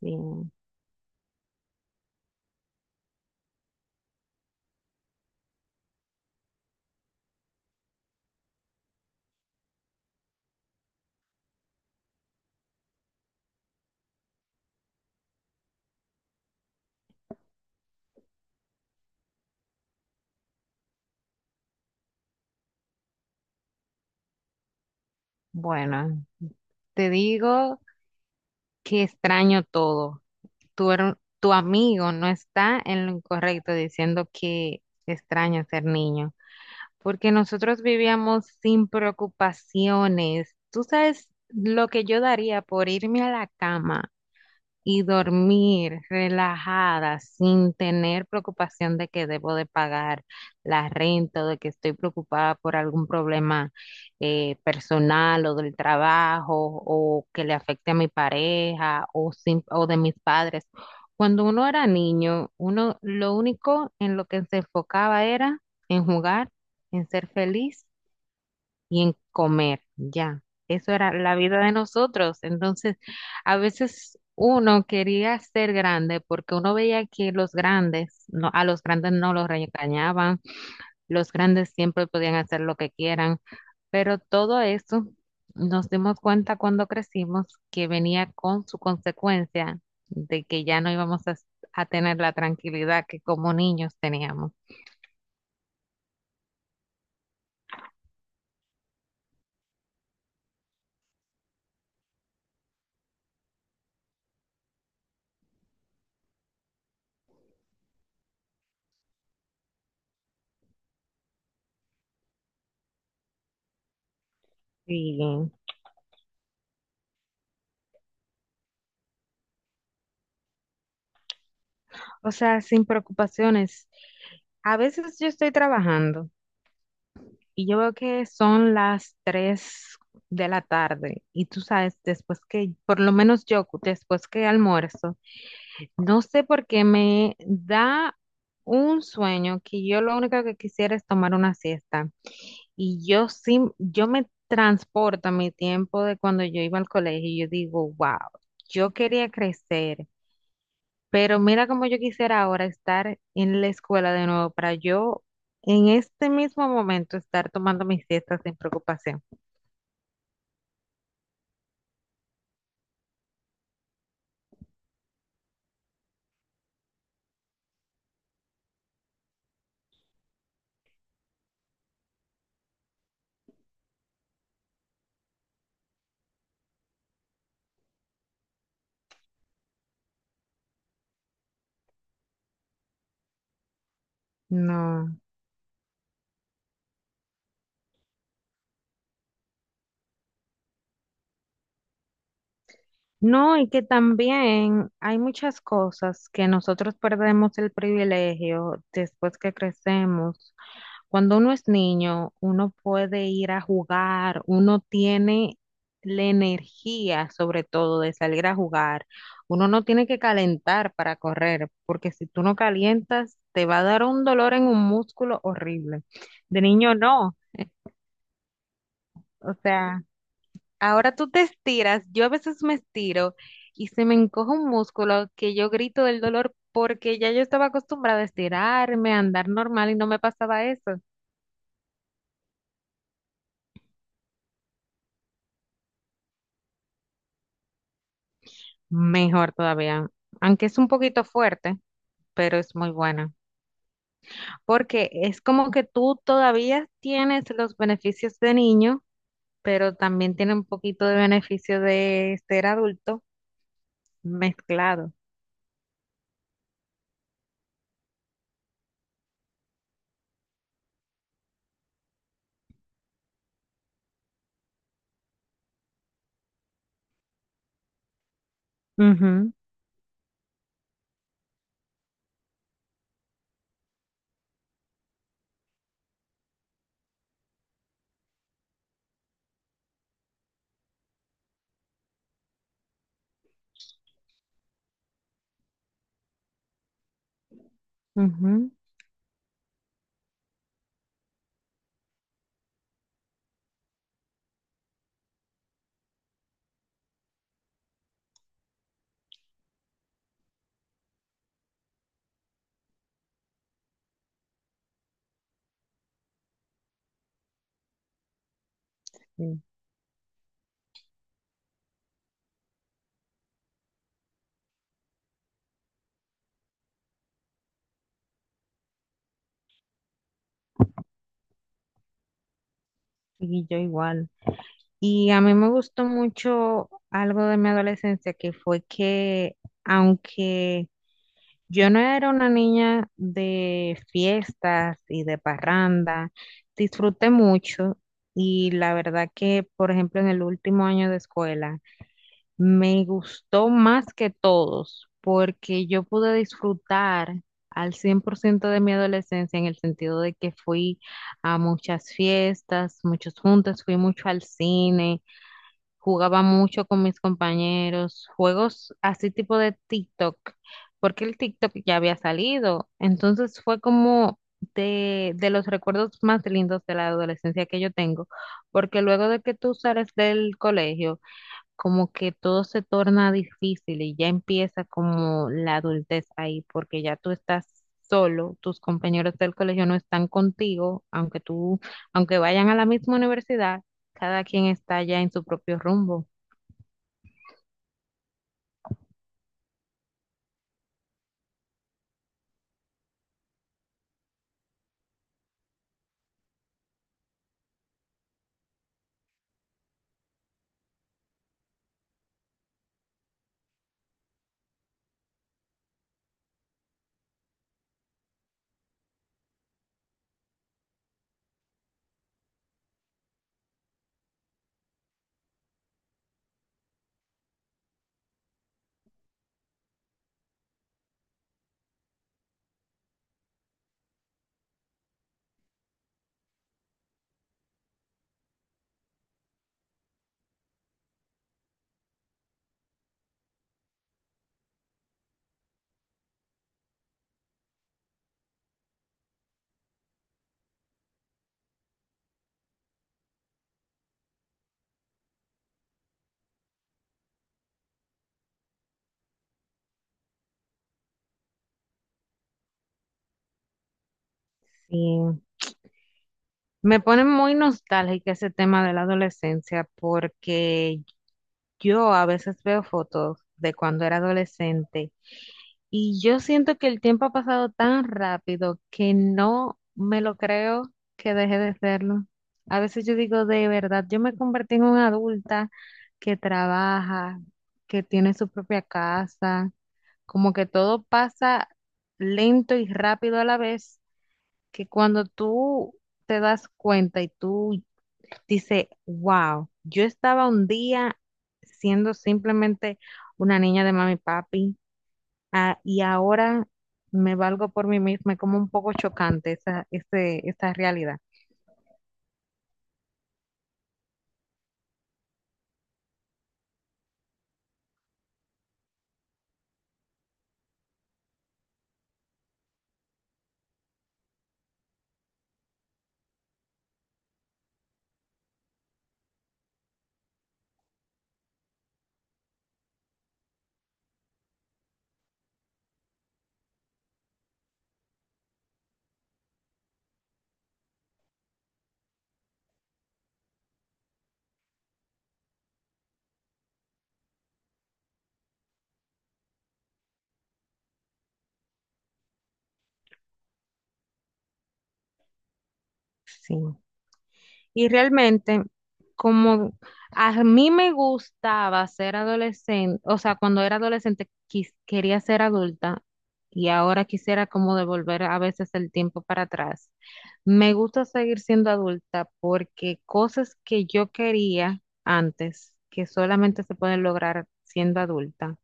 Sí, bueno, te digo que extraño todo. Tu amigo no está en lo incorrecto diciendo que extraño ser niño, porque nosotros vivíamos sin preocupaciones. Tú sabes lo que yo daría por irme a la cama y dormir relajada sin tener preocupación de que debo de pagar la renta o de que estoy preocupada por algún problema personal o del trabajo o que le afecte a mi pareja o de mis padres. Cuando uno era niño, uno lo único en lo que se enfocaba era en jugar, en ser feliz y en comer, ya. Eso era la vida de nosotros. Entonces, a veces uno quería ser grande porque uno veía que los grandes, no, a los grandes no los regañaban, los grandes siempre podían hacer lo que quieran, pero todo eso nos dimos cuenta cuando crecimos que venía con su consecuencia de que ya no íbamos a tener la tranquilidad que como niños teníamos. Y, o sea, sin preocupaciones. A veces yo estoy trabajando y yo veo que son las 3 de la tarde y tú sabes, después que, por lo menos yo, después que almuerzo, no sé por qué me da un sueño que yo lo único que quisiera es tomar una siesta. Y yo sí, yo me transporto a mi tiempo de cuando yo iba al colegio y yo digo, wow, yo quería crecer, pero mira cómo yo quisiera ahora estar en la escuela de nuevo para yo en este mismo momento estar tomando mis siestas sin preocupación. No. No, y que también hay muchas cosas que nosotros perdemos el privilegio después que crecemos. Cuando uno es niño, uno puede ir a jugar, uno tiene la energía, sobre todo, de salir a jugar. Uno no tiene que calentar para correr, porque si tú no calientas, te va a dar un dolor en un músculo horrible. De niño no. O sea, ahora tú te estiras, yo a veces me estiro y se me encoge un músculo que yo grito del dolor porque ya yo estaba acostumbrada a estirarme, a andar normal y no me pasaba eso. Mejor todavía, aunque es un poquito fuerte, pero es muy buena, porque es como que tú todavía tienes los beneficios de niño, pero también tiene un poquito de beneficio de ser adulto mezclado. Ujú, ujú, sí, y yo igual. Y a mí me gustó mucho algo de mi adolescencia que fue que aunque yo no era una niña de fiestas y de parranda, disfruté mucho y la verdad que, por ejemplo, en el último año de escuela me gustó más que todos porque yo pude disfrutar al 100% de mi adolescencia en el sentido de que fui a muchas fiestas, muchos juntas, fui mucho al cine. Jugaba mucho con mis compañeros, juegos así tipo de TikTok, porque el TikTok ya había salido. Entonces fue como de los recuerdos más lindos de la adolescencia que yo tengo, porque luego de que tú sales del colegio, como que todo se torna difícil y ya empieza como la adultez ahí, porque ya tú estás solo, tus compañeros del colegio no están contigo, aunque tú, aunque vayan a la misma universidad, cada quien está ya en su propio rumbo. Sí. Me pone muy nostálgica ese tema de la adolescencia porque yo a veces veo fotos de cuando era adolescente y yo siento que el tiempo ha pasado tan rápido que no me lo creo que dejé de serlo. A veces yo digo, de verdad, yo me convertí en una adulta que trabaja, que tiene su propia casa, como que todo pasa lento y rápido a la vez, que cuando tú te das cuenta y tú dices, wow, yo estaba un día siendo simplemente una niña de mami y papi. Ah, y ahora me valgo por mí misma, es como un poco chocante esa realidad. Sí. Y realmente, como a mí me gustaba ser adolescente, o sea, cuando era adolescente quería ser adulta y ahora quisiera como devolver a veces el tiempo para atrás. Me gusta seguir siendo adulta porque cosas que yo quería antes, que solamente se pueden lograr siendo adulta.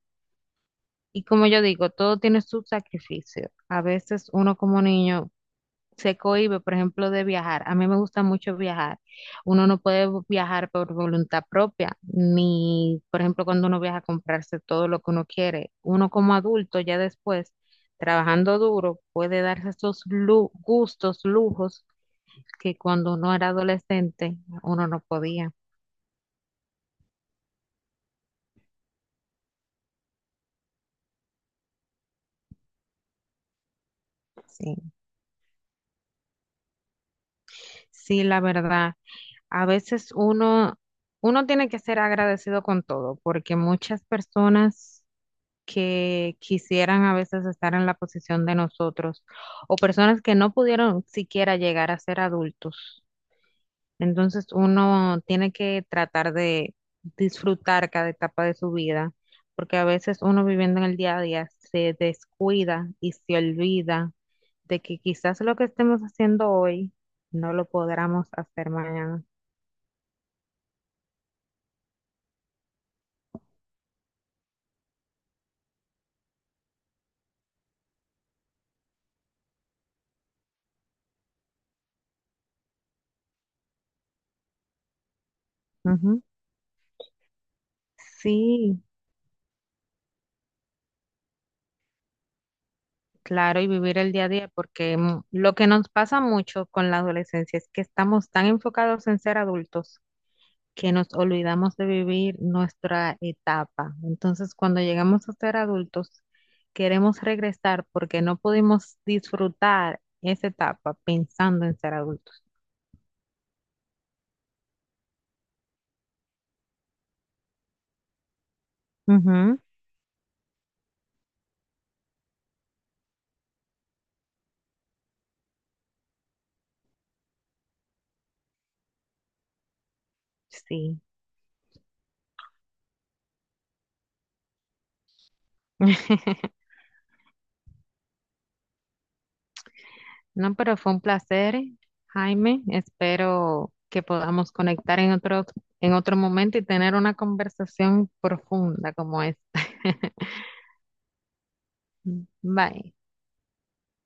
Y como yo digo, todo tiene su sacrificio. A veces uno como niño se cohíbe, por ejemplo, de viajar. A mí me gusta mucho viajar. Uno no puede viajar por voluntad propia, ni, por ejemplo, cuando uno viaja a comprarse todo lo que uno quiere. Uno como adulto, ya después, trabajando duro, puede darse esos gustos, lujos que cuando uno era adolescente, uno no podía. Sí, sí, la verdad. A veces uno, uno tiene que ser agradecido con todo, porque muchas personas que quisieran a veces estar en la posición de nosotros, o personas que no pudieron siquiera llegar a ser adultos. Entonces uno tiene que tratar de disfrutar cada etapa de su vida, porque a veces uno viviendo en el día a día se descuida y se olvida de que quizás lo que estemos haciendo hoy no lo podamos hacer mañana. Ujú. Sí, claro, y vivir el día a día, porque lo que nos pasa mucho con la adolescencia es que estamos tan enfocados en ser adultos que nos olvidamos de vivir nuestra etapa. Entonces, cuando llegamos a ser adultos, queremos regresar porque no pudimos disfrutar esa etapa pensando en ser adultos. Ujú, sí. No, pero fue un placer, Jaime. Espero que podamos conectar en otro momento y tener una conversación profunda como esta. Bye.